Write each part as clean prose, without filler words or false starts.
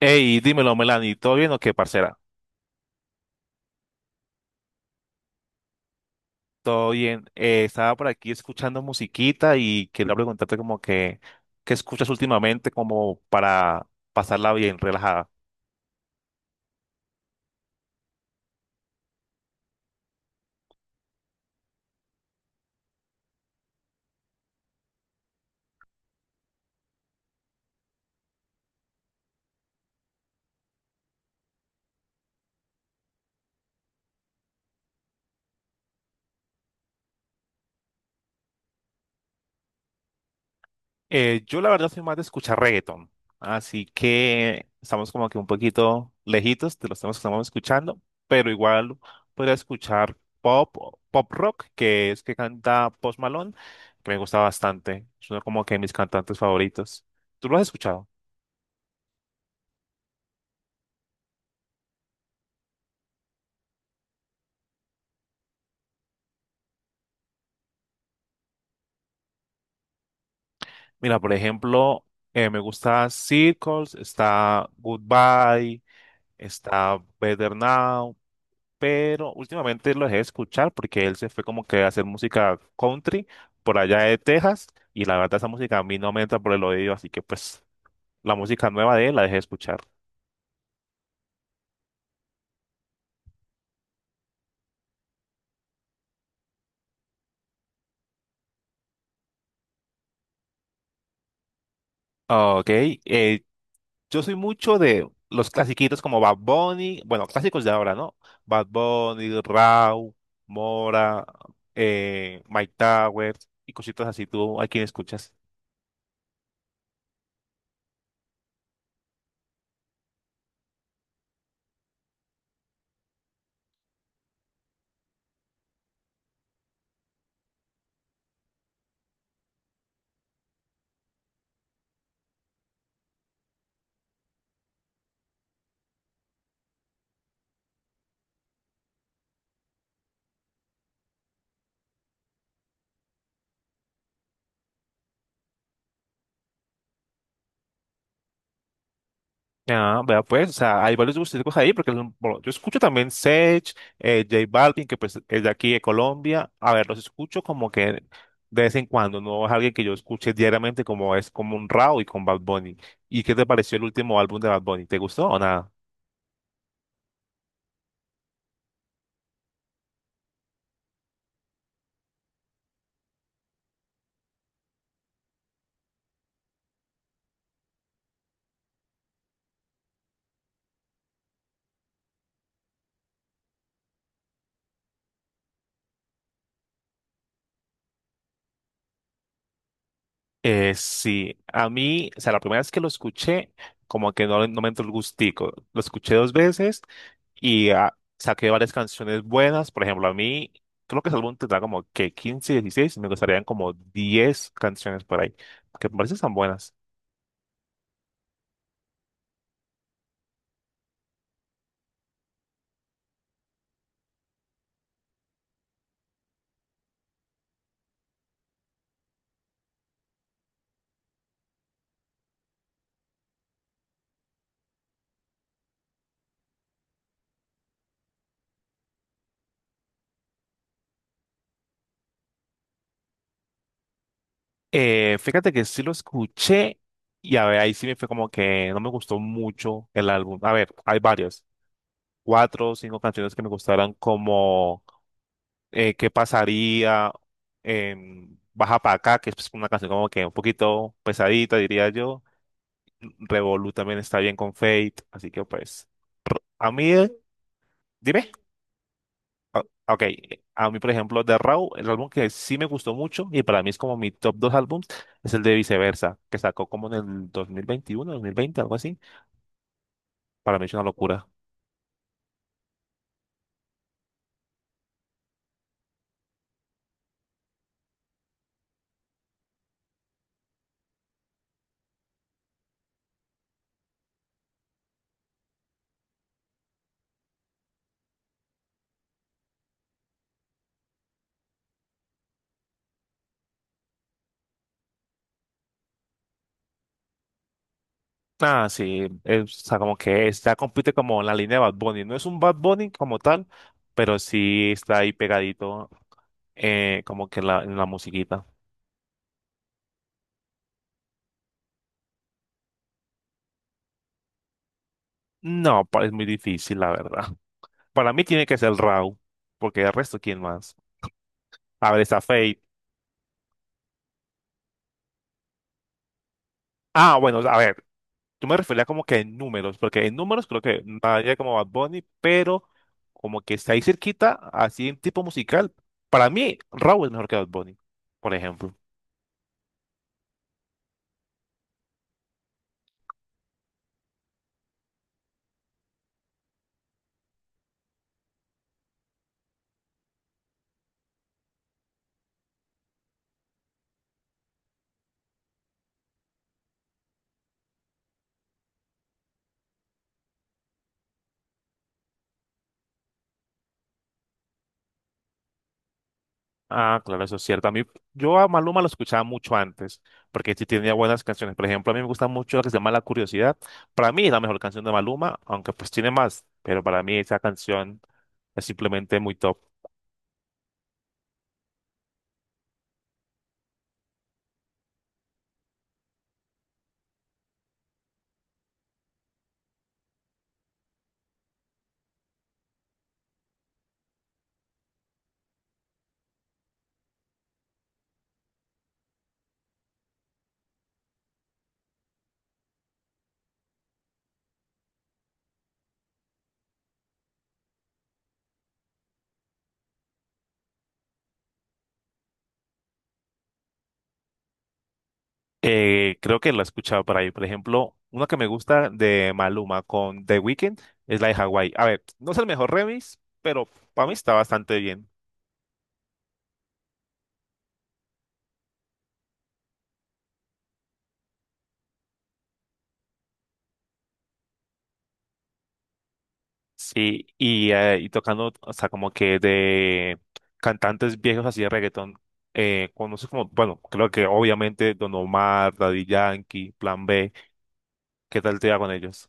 Hey, dímelo, Melanie, ¿todo bien o qué, parcera? Todo bien. Estaba por aquí escuchando musiquita y quería preguntarte ¿qué escuchas últimamente como para pasarla bien, relajada? Yo la verdad soy más de escuchar reggaeton, así que estamos como que un poquito lejitos de los temas que estamos escuchando, pero igual podría escuchar pop, pop rock, que es que canta Post Malone, que me gusta bastante. Es uno como que de mis cantantes favoritos. ¿Tú lo has escuchado? Mira, por ejemplo, me gusta Circles, está Goodbye, está Better Now, pero últimamente lo dejé de escuchar porque él se fue como que a hacer música country por allá de Texas y la verdad esa música a mí no me entra por el oído, así que pues la música nueva de él la dejé de escuchar. Ok, yo soy mucho de los clasiquitos como Bad Bunny, bueno, clásicos de ahora, ¿no? Bad Bunny, Rauw, Mora, Mike Towers y cositas así. ¿Tú a quién escuchas? Ah, vea pues, o sea, hay varios gustos ahí, bueno, yo escucho también Sech, J Balvin, que pues es de aquí de Colombia. A ver, los escucho como que de vez en cuando, no es alguien que yo escuche diariamente como es como un Rauw y con Bad Bunny. ¿Y qué te pareció el último álbum de Bad Bunny? ¿Te gustó o nada? Sí, a mí, o sea, la primera vez que lo escuché, como que no, no me entró el gustico. Lo escuché dos veces y saqué varias canciones buenas. Por ejemplo, a mí, creo que ese álbum tendrá como que 15, 16. Me gustarían como 10 canciones por ahí, que me parecen tan buenas. Fíjate que sí lo escuché y a ver, ahí sí me fue como que no me gustó mucho el álbum. A ver, hay varias, cuatro o cinco canciones que me gustaron como ¿qué pasaría? Baja para acá, que es pues, una canción como que un poquito pesadita, diría yo. Revolu también está bien con Fate, así que pues, a mí, dime, ah, ok, a mí por ejemplo, de Raw, el álbum que sí me gustó mucho y para mí es como mi top dos álbums, es el de Viceversa, que sacó como en el 2021 2020 algo así, para mí es una locura. Ah, sí, es, o sea, como que ya compite como en la línea de Bad Bunny, no es un Bad Bunny como tal, pero sí está ahí pegadito en la musiquita. No, es muy difícil, la verdad. Para mí tiene que ser Raw, porque el resto, ¿quién más? A ver, está Fate. Ah, bueno, a ver, yo me refería como que en números, porque en números creo que nadie como Bad Bunny, pero como que está ahí cerquita, así en tipo musical. Para mí, Raw es mejor que Bad Bunny, por ejemplo. Ah, claro, eso es cierto. A mí, yo a Maluma lo escuchaba mucho antes, porque sí tenía buenas canciones. Por ejemplo, a mí me gusta mucho la que se llama La Curiosidad. Para mí es la mejor canción de Maluma, aunque pues tiene más, pero para mí esa canción es simplemente muy top. Creo que la he escuchado por ahí. Por ejemplo, una que me gusta de Maluma con The Weeknd es la de Hawaii. A ver, no es el mejor remix, pero para mí está bastante bien. Sí, y, tocando, o sea, como que de cantantes viejos así de reggaetón, conoces como, bueno, creo que obviamente Don Omar, Daddy Yankee, Plan B, ¿qué tal te va con ellos?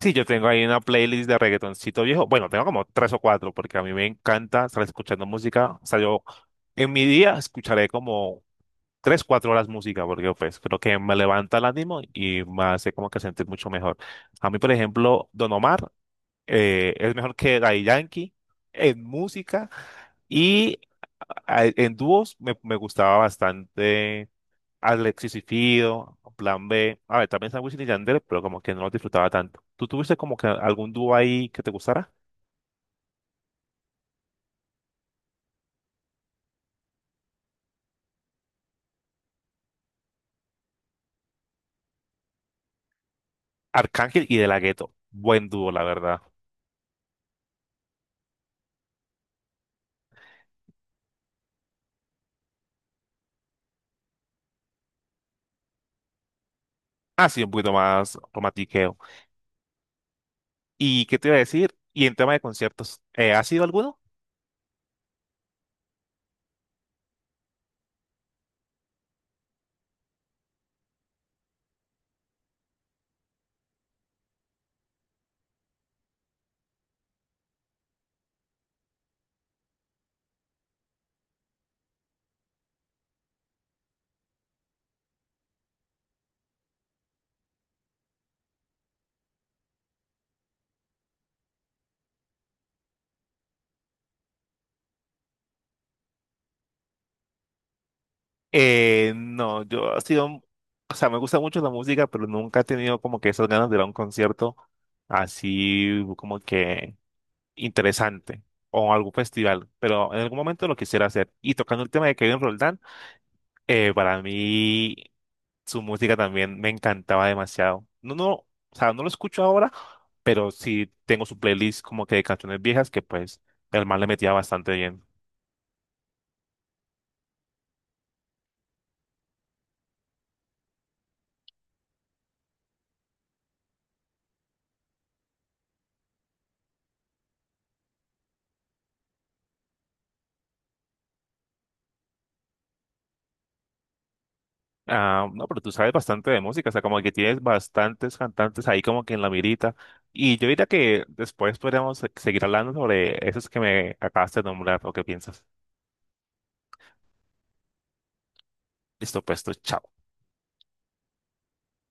Sí, yo tengo ahí una playlist de reggaetoncito viejo, bueno, tengo como tres o cuatro, porque a mí me encanta estar escuchando música, o sea, yo en mi día escucharé como tres, cuatro horas música, porque pues creo que me levanta el ánimo y me hace como que sentir mucho mejor. A mí, por ejemplo, Don Omar. Es mejor que Daddy Yankee en música y en dúos me gustaba bastante Alexis y Fido, Plan B, a ver, también Sandwich y Yandel, pero como que no los disfrutaba tanto. ¿Tú tuviste como que algún dúo ahí que te gustara? Arcángel y De La Ghetto, buen dúo, la verdad. Así un poquito más romantiqueo. ¿Y qué te iba a decir? ¿Y en tema de conciertos, has ido a alguno? No, yo ha sido, un- o sea, me gusta mucho la música, pero nunca he tenido como que esas ganas de ir a un concierto así como que interesante o algún festival, pero en algún momento lo quisiera hacer. Y tocando el tema de Kevin Roldán, para mí su música también me encantaba demasiado. No, no, o sea, no lo escucho ahora, pero sí tengo su playlist como que de canciones viejas que pues el man le metía bastante bien. Ah, no, pero tú sabes bastante de música, o sea, como que tienes bastantes cantantes ahí como que en la mirita. Y yo diría que después podríamos seguir hablando sobre esos que me acabaste de nombrar o qué piensas. Listo, pues, tú, chao.